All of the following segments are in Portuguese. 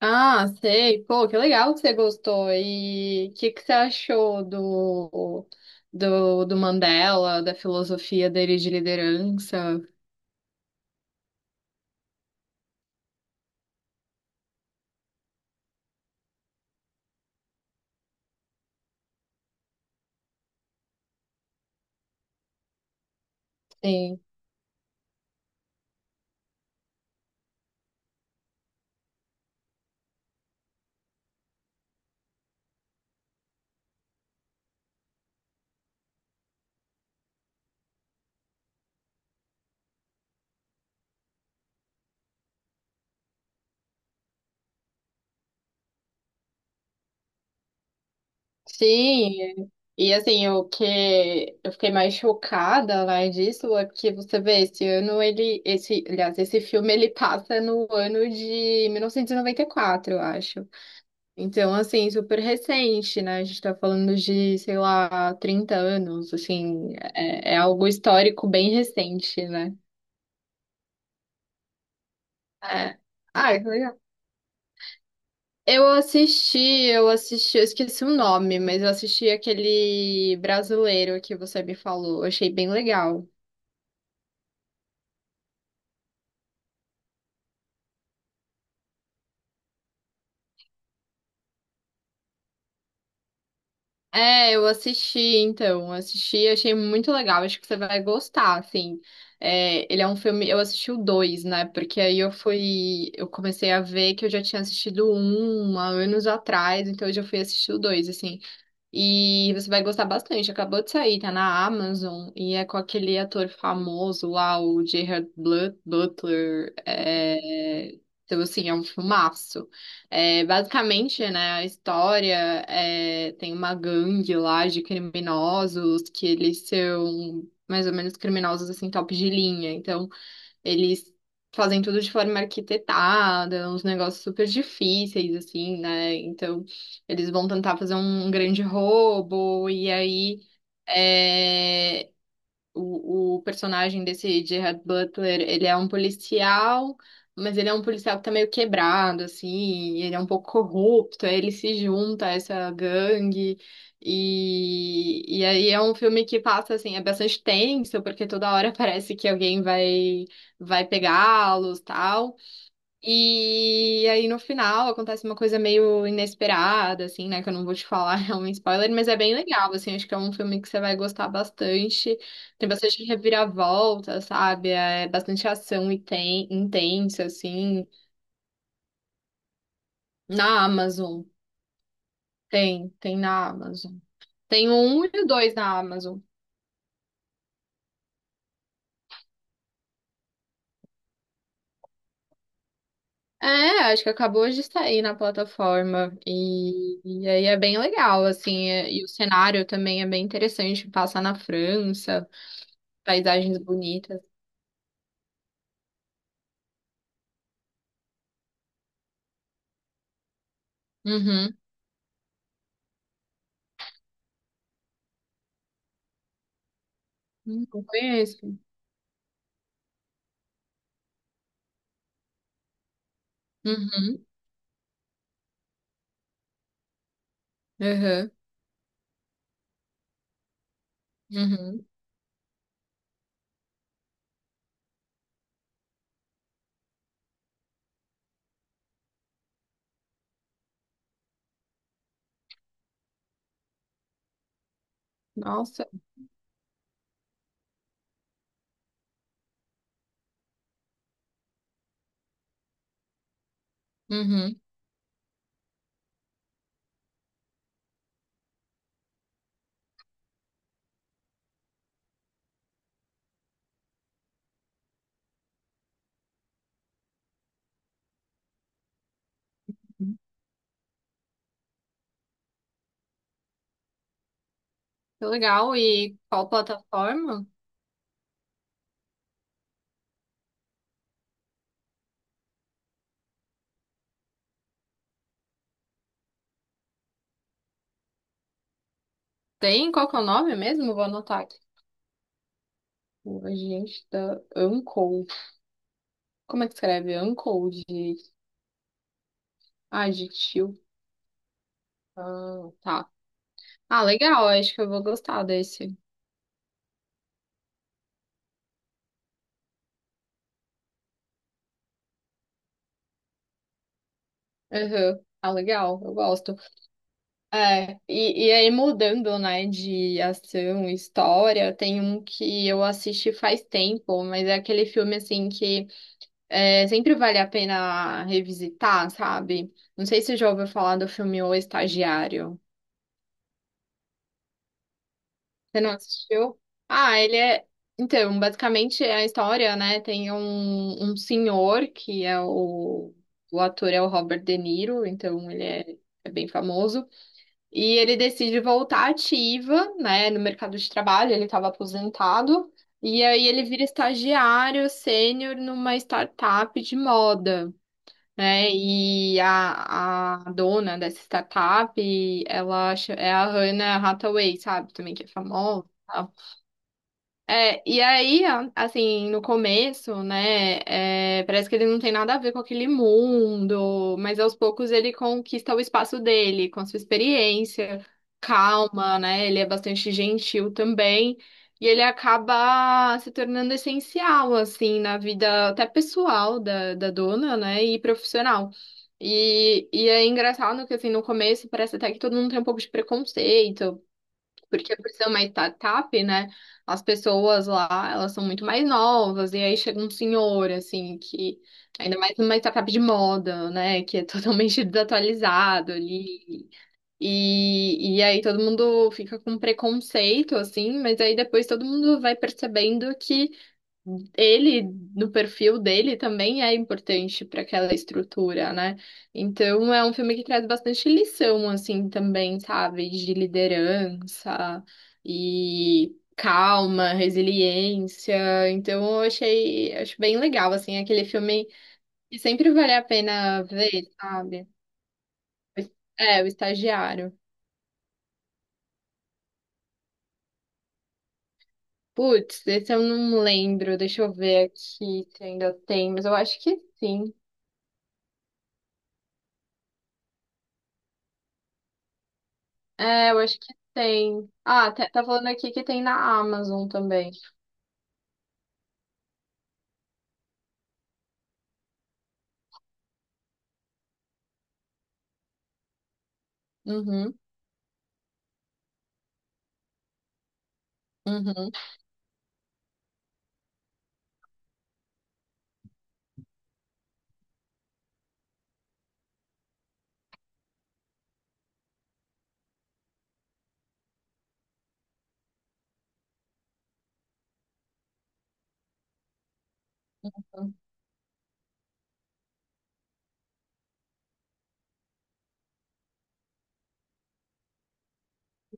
Ah, sei. Pô, que legal que você gostou. E o que que você achou do Mandela, da filosofia dele de liderança? Sim. Sim. E assim, o que eu fiquei mais chocada, né, disso é porque você vê, esse ano ele, esse, aliás, esse filme ele passa no ano de 1994, eu acho. Então, assim, super recente, né? A gente tá falando de, sei lá, 30 anos, assim, é algo histórico bem recente, né? É. Ah, que legal. Eu assisti, eu assisti, eu esqueci o nome, mas eu assisti aquele brasileiro que você me falou, eu achei bem legal. É, eu assisti, então, assisti, achei muito legal, acho que você vai gostar, assim, ele é um filme, eu assisti o dois, né, porque aí eu fui, eu comecei a ver que eu já tinha assistido um há anos atrás, então eu já fui assistir o dois, assim, e você vai gostar bastante. Acabou de sair, tá na Amazon e é com aquele ator famoso lá, o Butler. É... Então, assim, é um filmaço. É, basicamente, né, a história, tem uma gangue lá de criminosos que eles são mais ou menos criminosos, assim, top de linha. Então, eles fazem tudo de forma arquitetada, uns negócios super difíceis, assim, né? Então, eles vão tentar fazer um grande roubo, e aí. é, o, o personagem desse Gerard Butler, ele é um policial, mas ele é um policial que tá meio quebrado, assim, ele é um pouco corrupto, aí ele se junta a essa gangue, e aí é um filme que passa, assim, é bastante tenso, porque toda hora parece que alguém vai, vai pegá-los, tal, e aí no final acontece uma coisa meio inesperada, assim, né? Que eu não vou te falar, é um spoiler, mas é bem legal, assim, acho que é um filme que você vai gostar bastante. Tem bastante reviravolta, sabe? É bastante ação e tem, intensa, assim. Na Amazon, tem, tem na Amazon. Tem o um e o dois na Amazon. É, acho que acabou de sair na plataforma. E aí é bem legal, assim, e o cenário também é bem interessante, passa na França. Paisagens bonitas. Uhum. Não conheço. Uhum. Uhum. Uhum. Nossa. Uhum. Que legal. E qual plataforma? Tem? Qual que é o nome mesmo? Vou anotar aqui. O agente da Uncode. Como é que escreve? Uncode. Ah, de tio. Ah, tá. Ah, legal. Acho que eu vou gostar desse. Uhum. Ah, legal. Eu gosto. É, e aí mudando, né, de ação, história, tem um que eu assisti faz tempo, mas é aquele filme, assim, que sempre vale a pena revisitar, sabe? Não sei se você já ouviu falar do filme O Estagiário. Você não assistiu? Ah, ele é... Então, basicamente é a história, né, tem um, um senhor que é o... O ator é o Robert De Niro, então ele é bem famoso. E ele decide voltar ativa, né, no mercado de trabalho, ele estava aposentado, e aí ele vira estagiário sênior numa startup de moda, né? E a dona dessa startup, é a Hannah Hathaway, sabe? Também que é famosa. É, e aí, assim, no começo, né, parece que ele não tem nada a ver com aquele mundo, mas aos poucos ele conquista o espaço dele, com a sua experiência, calma, né, ele é bastante gentil também, e ele acaba se tornando essencial, assim, na vida até pessoal da, da dona, né, e profissional. E é engraçado que, assim, no começo parece até que todo mundo tem um pouco de preconceito, porque por ser uma startup, né, as pessoas lá, elas são muito mais novas, e aí chega um senhor, assim, que, ainda mais numa startup de moda, né, que é totalmente desatualizado ali, e aí todo mundo fica com preconceito, assim, mas aí depois todo mundo vai percebendo que ele, no perfil dele, também é importante para aquela estrutura, né? Então é um filme que traz bastante lição, assim, também, sabe? De liderança e calma, resiliência. Então eu achei, acho bem legal, assim, aquele filme que sempre vale a pena ver, sabe? É, O Estagiário. Putz, esse eu não lembro, deixa eu ver aqui se ainda tem, mas eu acho que sim. É, eu acho que tem. Ah, tá falando aqui que tem na Amazon também. Uhum, uhum,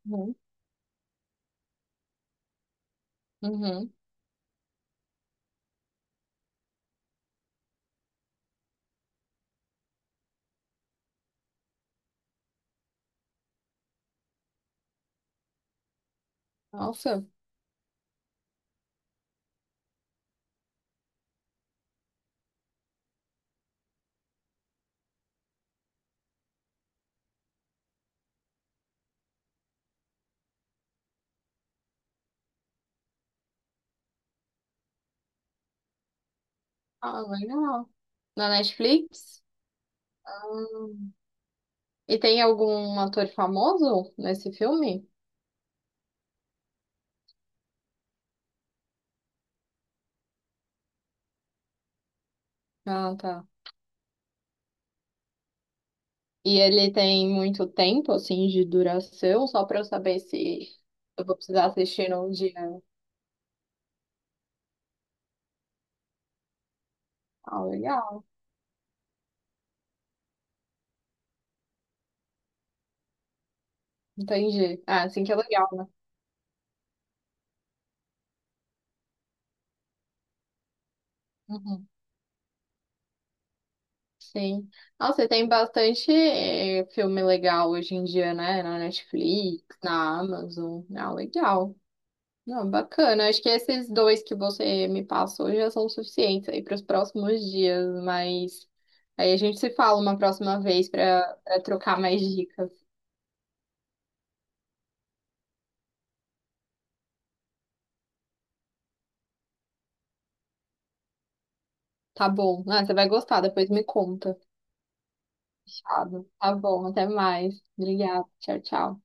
uhum, uhum. Nossa, ah, legal. Na Netflix? Hum. E tem algum ator famoso nesse filme? Ah, tá. E ele tem muito tempo, assim, de duração, só pra eu saber se eu vou precisar assistir num dia. Ah, legal. Entendi. Ah, assim que é legal, né? Uhum. Sim. Nossa, e tem bastante filme legal hoje em dia, né? Na Netflix, na Amazon. Ah, legal. Não, bacana. Acho que esses dois que você me passou já são suficientes aí para os próximos dias, mas aí a gente se fala uma próxima vez para trocar mais dicas. Tá bom. Ah, você vai gostar, depois me conta. Fechado. Tá bom, até mais. Obrigada. Tchau, tchau.